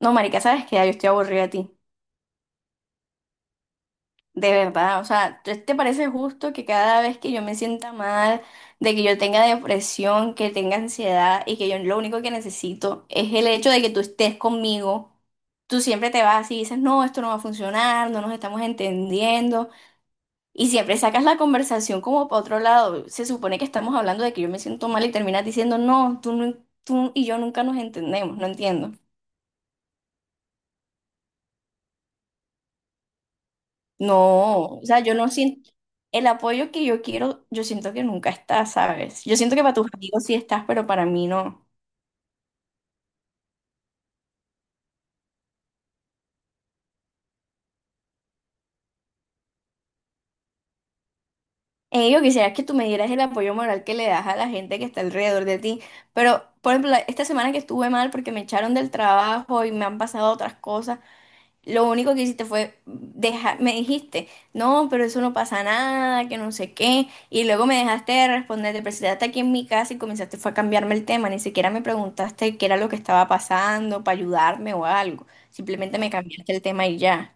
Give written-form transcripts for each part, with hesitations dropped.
No, marica, sabes que ya yo estoy aburrida de ti. De verdad, o sea, ¿te parece justo que cada vez que yo me sienta mal, de que yo tenga depresión, que tenga ansiedad y que yo lo único que necesito es el hecho de que tú estés conmigo? Tú siempre te vas y dices, no, esto no va a funcionar, no nos estamos entendiendo. Y siempre sacas la conversación como para otro lado. Se supone que estamos hablando de que yo me siento mal y terminas diciendo, no, tú, no, tú y yo nunca nos entendemos, no entiendo. No, o sea, yo no siento el apoyo que yo quiero, yo siento que nunca está, ¿sabes? Yo siento que para tus amigos sí estás, pero para mí no. Yo quisiera que tú me dieras el apoyo moral que le das a la gente que está alrededor de ti, pero por ejemplo, esta semana que estuve mal porque me echaron del trabajo y me han pasado otras cosas. Lo único que hiciste fue dejar, me dijiste, no, pero eso no pasa nada, que no sé qué, y luego me dejaste de responder, te presentaste aquí en mi casa y comenzaste fue a cambiarme el tema, ni siquiera me preguntaste qué era lo que estaba pasando para ayudarme o algo, simplemente me cambiaste el tema y ya.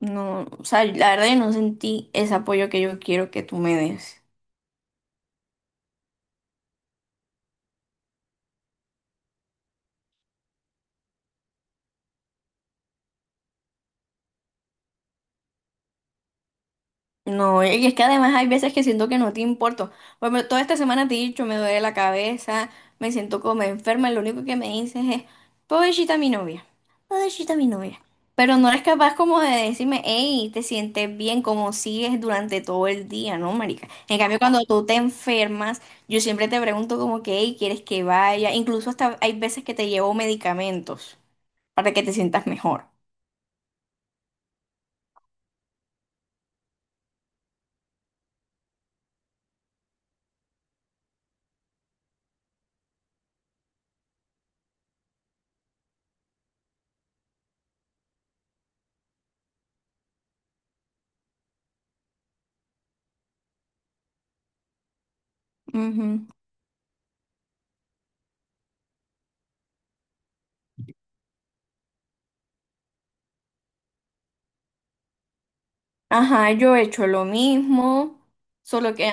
No, o sea, la verdad yo no sentí ese apoyo que yo quiero que tú me des. No, y es que además hay veces que siento que no te importo. Bueno, toda esta semana te he dicho, me duele la cabeza, me siento como enferma, lo único que me dices es, pobrecita mi novia, pobrecita mi novia. Pero no eres capaz como de decirme, hey, te sientes bien, como sigues durante todo el día, ¿no, marica? En cambio, cuando tú te enfermas, yo siempre te pregunto como que, hey, ¿quieres que vaya? Incluso hasta hay veces que te llevo medicamentos para que te sientas mejor. Ajá, yo he hecho lo mismo, solo que,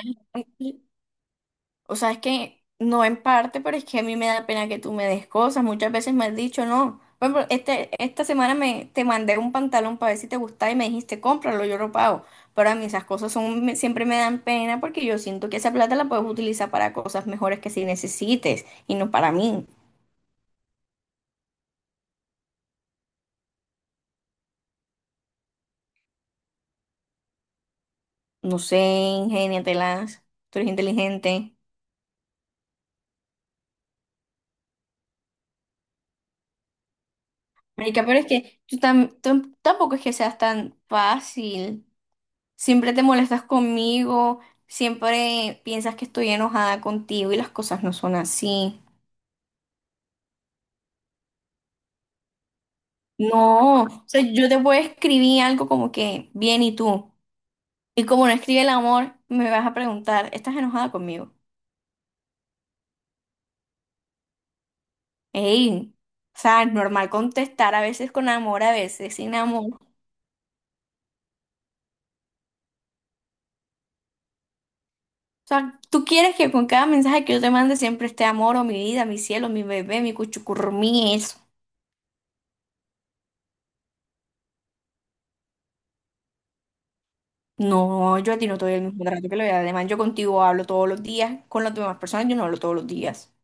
o sea, es que no en parte, pero es que a mí me da pena que tú me des cosas. Muchas veces me has dicho, no. Por ejemplo, esta semana te mandé un pantalón para ver si te gustaba y me dijiste, cómpralo, yo lo pago. Pero a mí esas cosas son, siempre me dan pena porque yo siento que esa plata la puedes utilizar para cosas mejores que si necesites y no para mí. No sé, ingéniatelas, tú eres inteligente. Marica, pero es que tú tampoco es que seas tan fácil. Siempre te molestas conmigo, siempre piensas que estoy enojada contigo y las cosas no son así. No, o sea, yo te puedo escribir algo como que, bien, ¿y tú? Y como no escribe el amor, me vas a preguntar, ¿estás enojada conmigo? Ey, o sea, es normal contestar a veces con amor, a veces sin amor. O sea, tú quieres que con cada mensaje que yo te mande siempre esté amor o mi vida, mi cielo, mi bebé, mi cuchucurrumí, eso. No, yo a ti no te doy el mismo trato que le doy. Además, yo contigo hablo todos los días. Con las demás personas yo no hablo todos los días.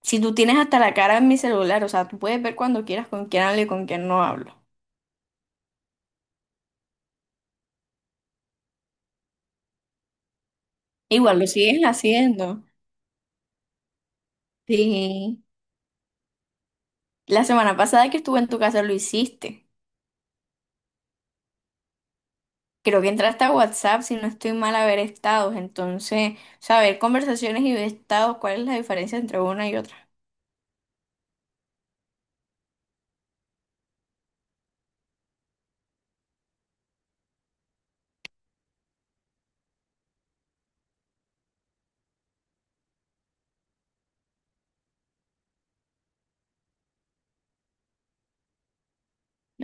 Si tú tienes hasta la cara en mi celular, o sea, tú puedes ver cuando quieras con quién hablo y con quién no hablo. Igual lo sigues haciendo. Sí. La semana pasada que estuve en tu casa lo hiciste. Creo que entraste a WhatsApp, si no estoy mal, a ver estados. Entonces, saber conversaciones y ver estados, ¿cuál es la diferencia entre una y otra?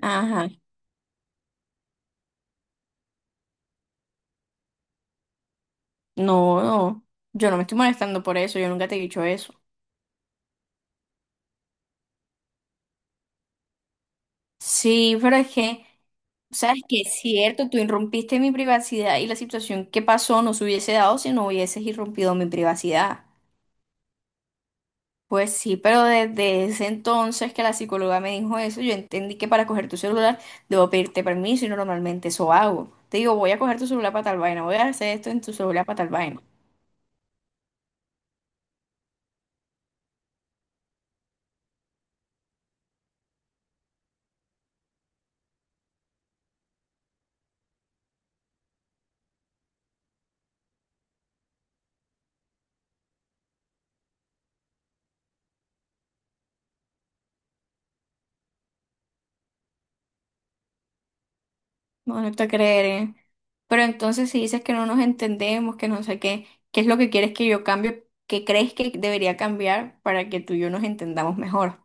Ajá. No, no. Yo no me estoy molestando por eso. Yo nunca te he dicho eso. Sí, pero es que sabes que es cierto, tú irrumpiste mi privacidad y la situación que pasó no se hubiese dado si no hubieses irrumpido mi privacidad. Pues sí, pero desde ese entonces que la psicóloga me dijo eso, yo entendí que para coger tu celular debo pedirte permiso y normalmente eso hago. Te digo, voy a coger tu celular para tal vaina, voy a hacer esto en tu celular para tal vaina. No, no te creeré. Pero entonces si dices que no nos entendemos, que no sé qué, ¿qué es lo que quieres que yo cambie? ¿Qué crees que debería cambiar para que tú y yo nos entendamos mejor?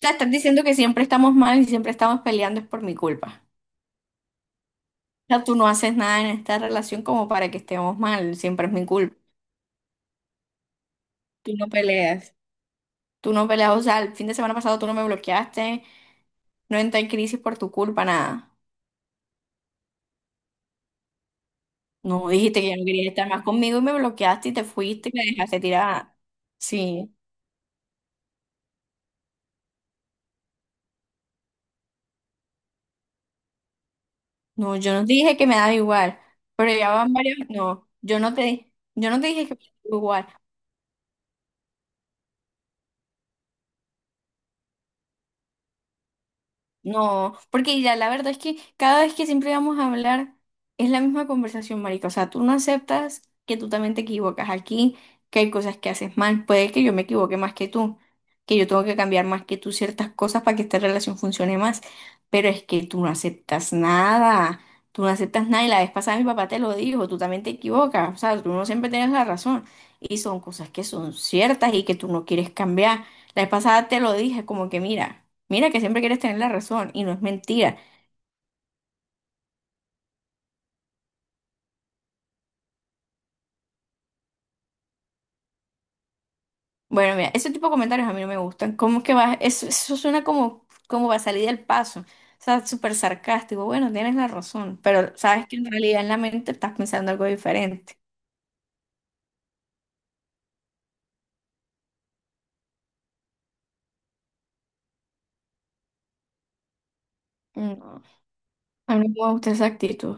Sea, estás diciendo que siempre estamos mal y siempre estamos peleando es por mi culpa. O sea, tú no haces nada en esta relación como para que estemos mal, siempre es mi culpa. Tú no peleas, Tú no peleas, o sea, el fin de semana pasado tú no me bloqueaste, no entré en crisis por tu culpa, nada. No dijiste que ya no querías estar más conmigo y me bloqueaste y te fuiste y me dejaste tirada. Sí, no, yo no te dije que me daba igual, pero ya van varios, no, yo no te dije que me daba igual. No, porque ya la verdad es que cada vez que siempre vamos a hablar es la misma conversación, marica. O sea, tú no aceptas que tú también te equivocas aquí, que hay cosas que haces mal. Puede que yo me equivoque más que tú, que yo tengo que cambiar más que tú ciertas cosas para que esta relación funcione más. Pero es que tú no aceptas nada. Tú no aceptas nada y la vez pasada mi papá te lo dijo, tú también te equivocas. O sea, tú no siempre tienes la razón. Y son cosas que son ciertas y que tú no quieres cambiar. La vez pasada te lo dije, como que mira. Mira que siempre quieres tener la razón y no es mentira. Bueno, mira, ese tipo de comentarios a mí no me gustan. ¿Cómo que vas? Eso suena como, como va a salir del paso. O sea, súper sarcástico. Bueno, tienes la razón, pero sabes que en realidad en la mente estás pensando algo diferente. No, a mí no me gusta esa actitud.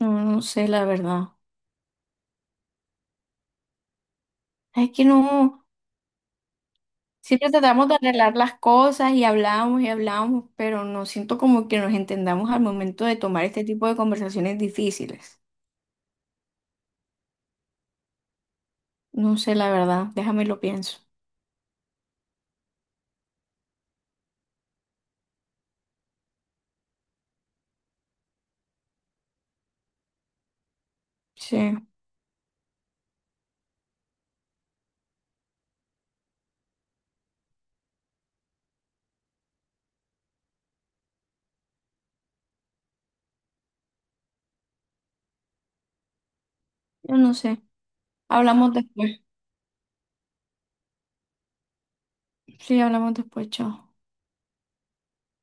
No, no sé, la verdad. Es que no, siempre tratamos de arreglar las cosas y hablamos, pero no siento como que nos entendamos al momento de tomar este tipo de conversaciones difíciles. No sé, la verdad. Déjame lo pienso. Sí, yo no sé. Hablamos después. Sí, hablamos después, chao.